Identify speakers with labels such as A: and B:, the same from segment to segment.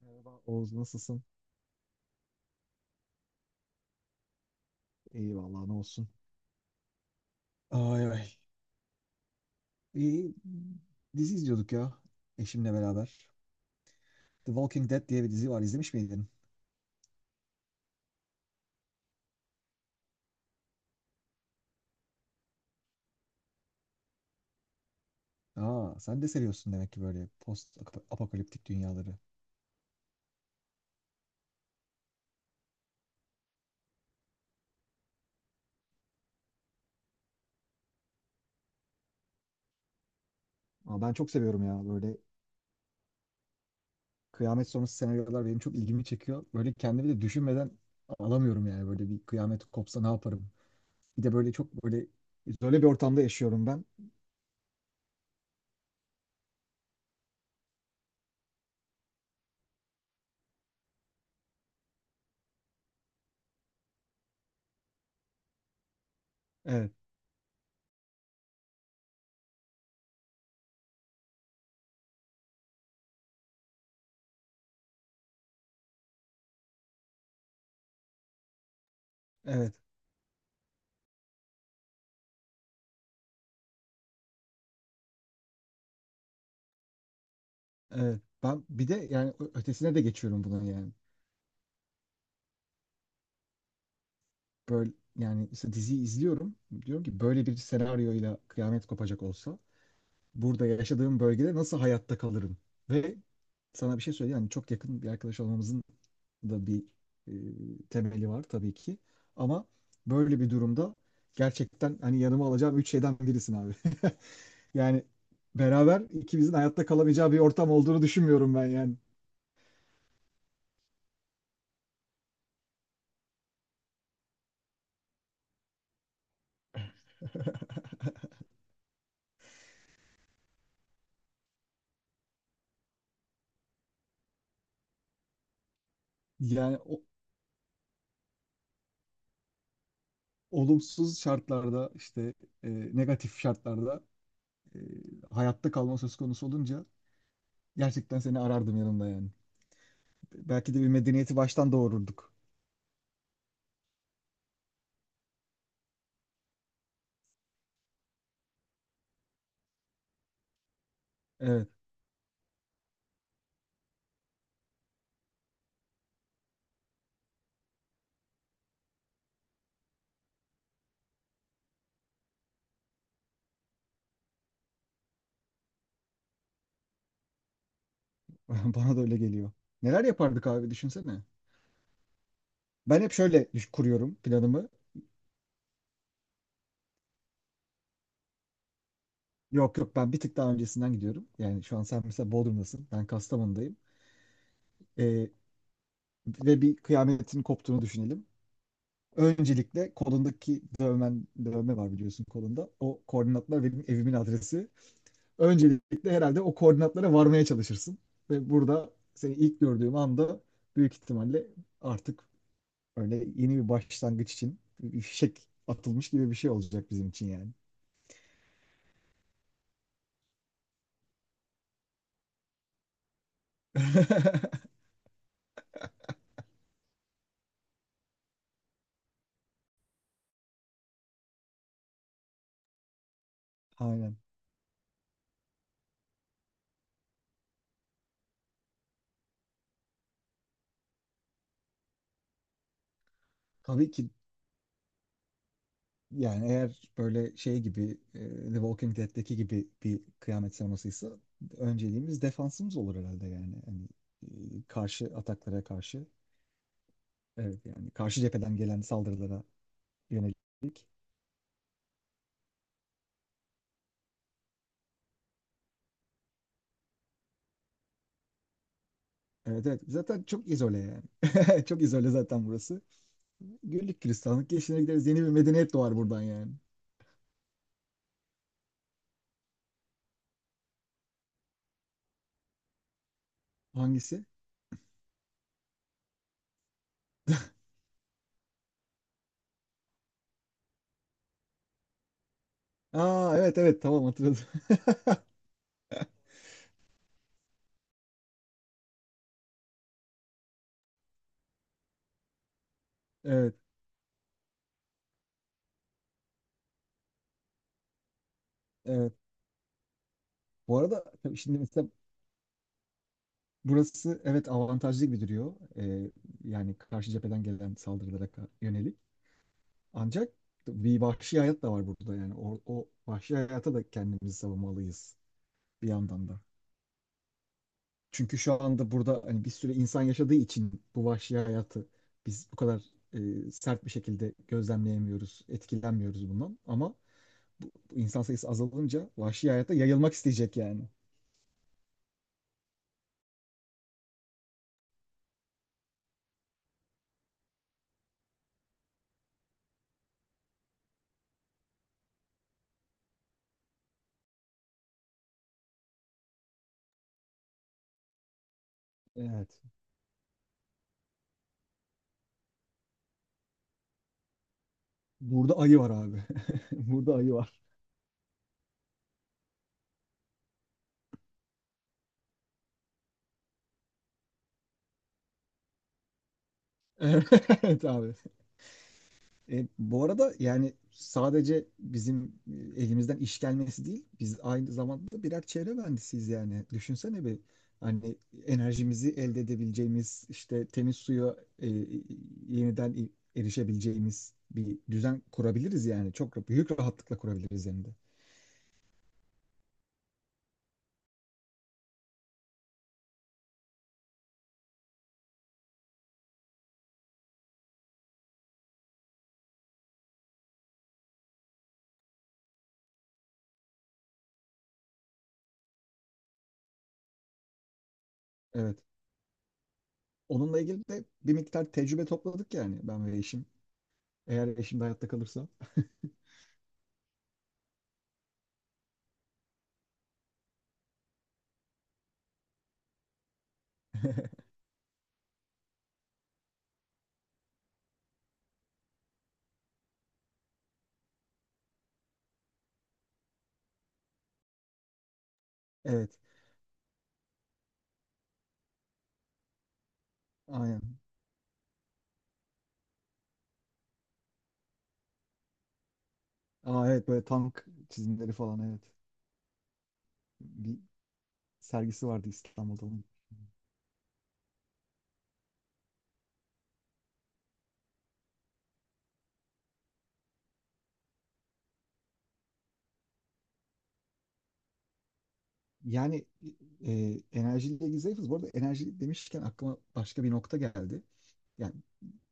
A: Merhaba Oğuz, nasılsın? İyi vallahi ne olsun. Ay ay. İyi, dizi izliyorduk ya eşimle beraber. The Walking Dead diye bir dizi var. İzlemiş miydin? Aa, sen de seviyorsun demek ki böyle post apokaliptik dünyaları. Ama ben çok seviyorum ya böyle kıyamet sonrası senaryolar benim çok ilgimi çekiyor. Böyle kendimi de düşünmeden alamıyorum yani böyle bir kıyamet kopsa ne yaparım? Bir de böyle çok böyle izole bir ortamda yaşıyorum ben. Evet, evet, evet. Ben bir de yani ötesine de geçiyorum buna yani. Böyle yani işte diziyi izliyorum. Diyorum ki böyle bir senaryoyla kıyamet kopacak olsa burada yaşadığım bölgede nasıl hayatta kalırım? Ve sana bir şey söyleyeyim. Yani çok yakın bir arkadaş olmamızın da bir e, temeli var tabii ki. Ama böyle bir durumda gerçekten hani yanıma alacağım üç şeyden birisin abi. Yani beraber ikimizin hayatta kalamayacağı bir ortam olduğunu düşünmüyorum ben yani. Yani olumsuz şartlarda işte e, negatif şartlarda e, hayatta kalma söz konusu olunca gerçekten seni arardım yanımda yani. Belki de bir medeniyeti baştan doğururduk. Evet, bana da öyle geliyor. Neler yapardık abi düşünsene. Ben hep şöyle kuruyorum planımı. Yok yok, ben bir tık daha öncesinden gidiyorum. Yani şu an sen mesela Bodrum'dasın. Ben Kastamonu'dayım. Ee, ve bir kıyametin koptuğunu düşünelim. Öncelikle kolundaki dövmen, dövme var biliyorsun kolunda. O koordinatlar benim evimin adresi. Öncelikle herhalde o koordinatlara varmaya çalışırsın. Ve burada seni ilk gördüğüm anda büyük ihtimalle artık öyle yeni bir başlangıç için bir fişek atılmış gibi bir şey olacak bizim için yani. Aynen. Tabii ki yani eğer böyle şey gibi The Walking Dead'deki gibi bir kıyamet sinemasıysa önceliğimiz defansımız olur herhalde yani. Hani karşı ataklara karşı, evet, yani karşı cepheden gelen saldırılara yönelik. Evet, evet. Zaten çok izole yani. Çok izole zaten burası. Güllük gülistanlık geçine gideriz. Yeni bir medeniyet doğar buradan yani. Hangisi? Aa, evet evet tamam hatırladım. Evet evet. Bu arada tabii şimdi mesela burası, evet, avantajlı gibi duruyor. Yani karşı cepheden gelen saldırılara yönelik. Ancak bir vahşi hayat da var burada yani. O vahşi hayata da kendimizi savunmalıyız bir yandan da. Çünkü şu anda burada hani bir sürü insan yaşadığı için bu vahşi hayatı biz bu kadar sert bir şekilde gözlemleyemiyoruz, etkilenmiyoruz bundan. Ama bu insan sayısı azalınca vahşi hayata yayılmak isteyecek yani. Evet. Burada ayı var abi. Burada ayı var. Evet abi. Bu arada yani sadece bizim elimizden iş gelmesi değil, biz aynı zamanda da birer çevre mühendisiyiz yani. Düşünsene bir hani enerjimizi elde edebileceğimiz, işte temiz suya e, yeniden erişebileceğimiz bir düzen kurabiliriz yani. Çok büyük rahatlıkla kurabiliriz hem de. Evet. Onunla ilgili de bir miktar tecrübe topladık yani ben ve eşim. Eğer eşim de hayatta kalırsa. Evet. Aynen. Aa, evet böyle tank çizimleri falan evet. Bir sergisi vardı İstanbul'da onun. Yani e, enerjiyle ilgili zayıfız. Bu arada enerji demişken aklıma başka bir nokta geldi. Yani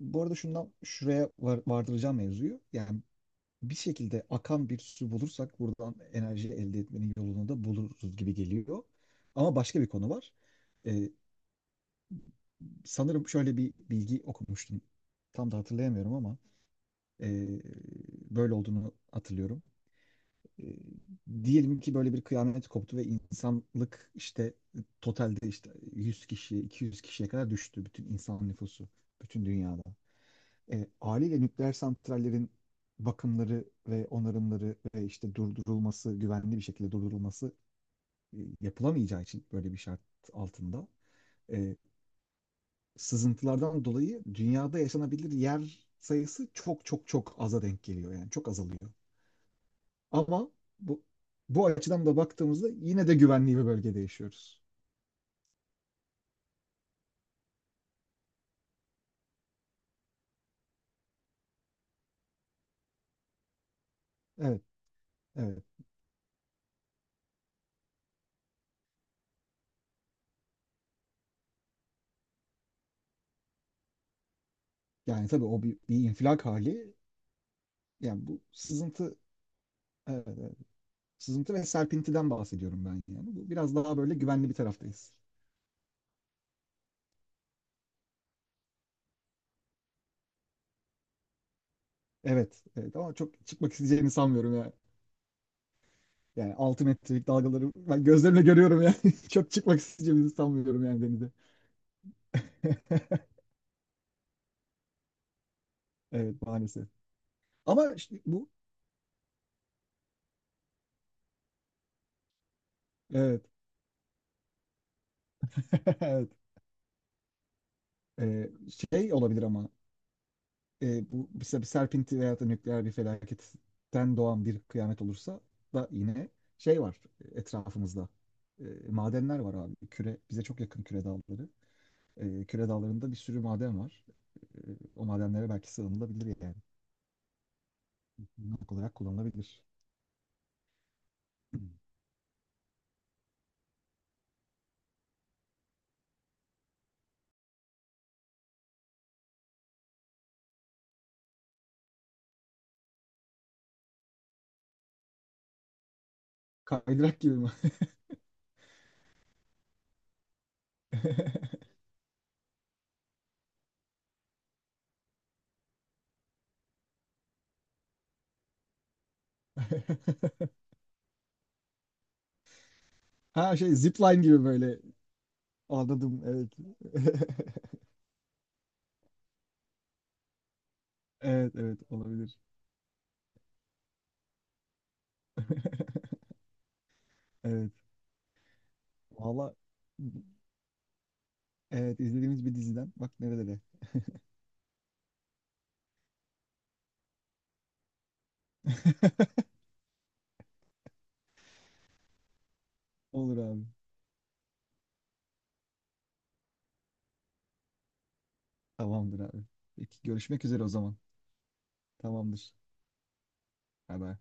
A: bu arada şundan şuraya vardıracağım mevzuyu. Yani bir şekilde akan bir su bulursak buradan enerji elde etmenin yolunu da buluruz gibi geliyor. Ama başka bir konu var. E, sanırım şöyle bir bilgi okumuştum. Tam da hatırlayamıyorum ama e, böyle olduğunu hatırlıyorum. E, diyelim ki böyle bir kıyamet koptu ve insanlık işte totalde işte 100 kişiye 200 kişiye kadar düştü, bütün insan nüfusu bütün dünyada. Haliyle nükleer santrallerin bakımları ve onarımları ve işte durdurulması, güvenli bir şekilde durdurulması yapılamayacağı için böyle bir şart altında e, sızıntılardan dolayı dünyada yaşanabilir yer sayısı çok çok çok aza denk geliyor yani çok azalıyor. Ama bu, bu açıdan da baktığımızda yine de güvenli bir bölgede yaşıyoruz. Evet, evet. Yani tabii o bir infilak hali. Yani bu sızıntı, evet, evet. Sızıntı ve serpintiden bahsediyorum ben yani. Bu biraz daha böyle güvenli bir taraftayız. Evet, evet. Ama çok çıkmak isteyeceğini sanmıyorum ya. Yani 6 metrelik dalgaları ben gözlerimle görüyorum yani. Çok çıkmak isteyeceğimizi sanmıyorum yani denize. Evet, maalesef. Ama işte bu, evet, evet. Ee, şey olabilir ama bu mesela bir serpinti veya da nükleer bir felaketten doğan bir kıyamet olursa da yine şey var etrafımızda. E, madenler var abi. Küre bize çok yakın, küre dağları. Küre dağlarında bir sürü maden var. E, o madenlere belki sığınılabilir yani. Barınak olarak kullanılabilir. Kaydırak gibi mi? Ha, şey, zipline gibi böyle. Anladım, evet. Evet, evet, olabilir. Evet. Valla, evet izlediğimiz bir diziden. Bak nerede... Olur abi. Tamamdır abi. Peki, görüşmek üzere o zaman. Tamamdır. Bay bay.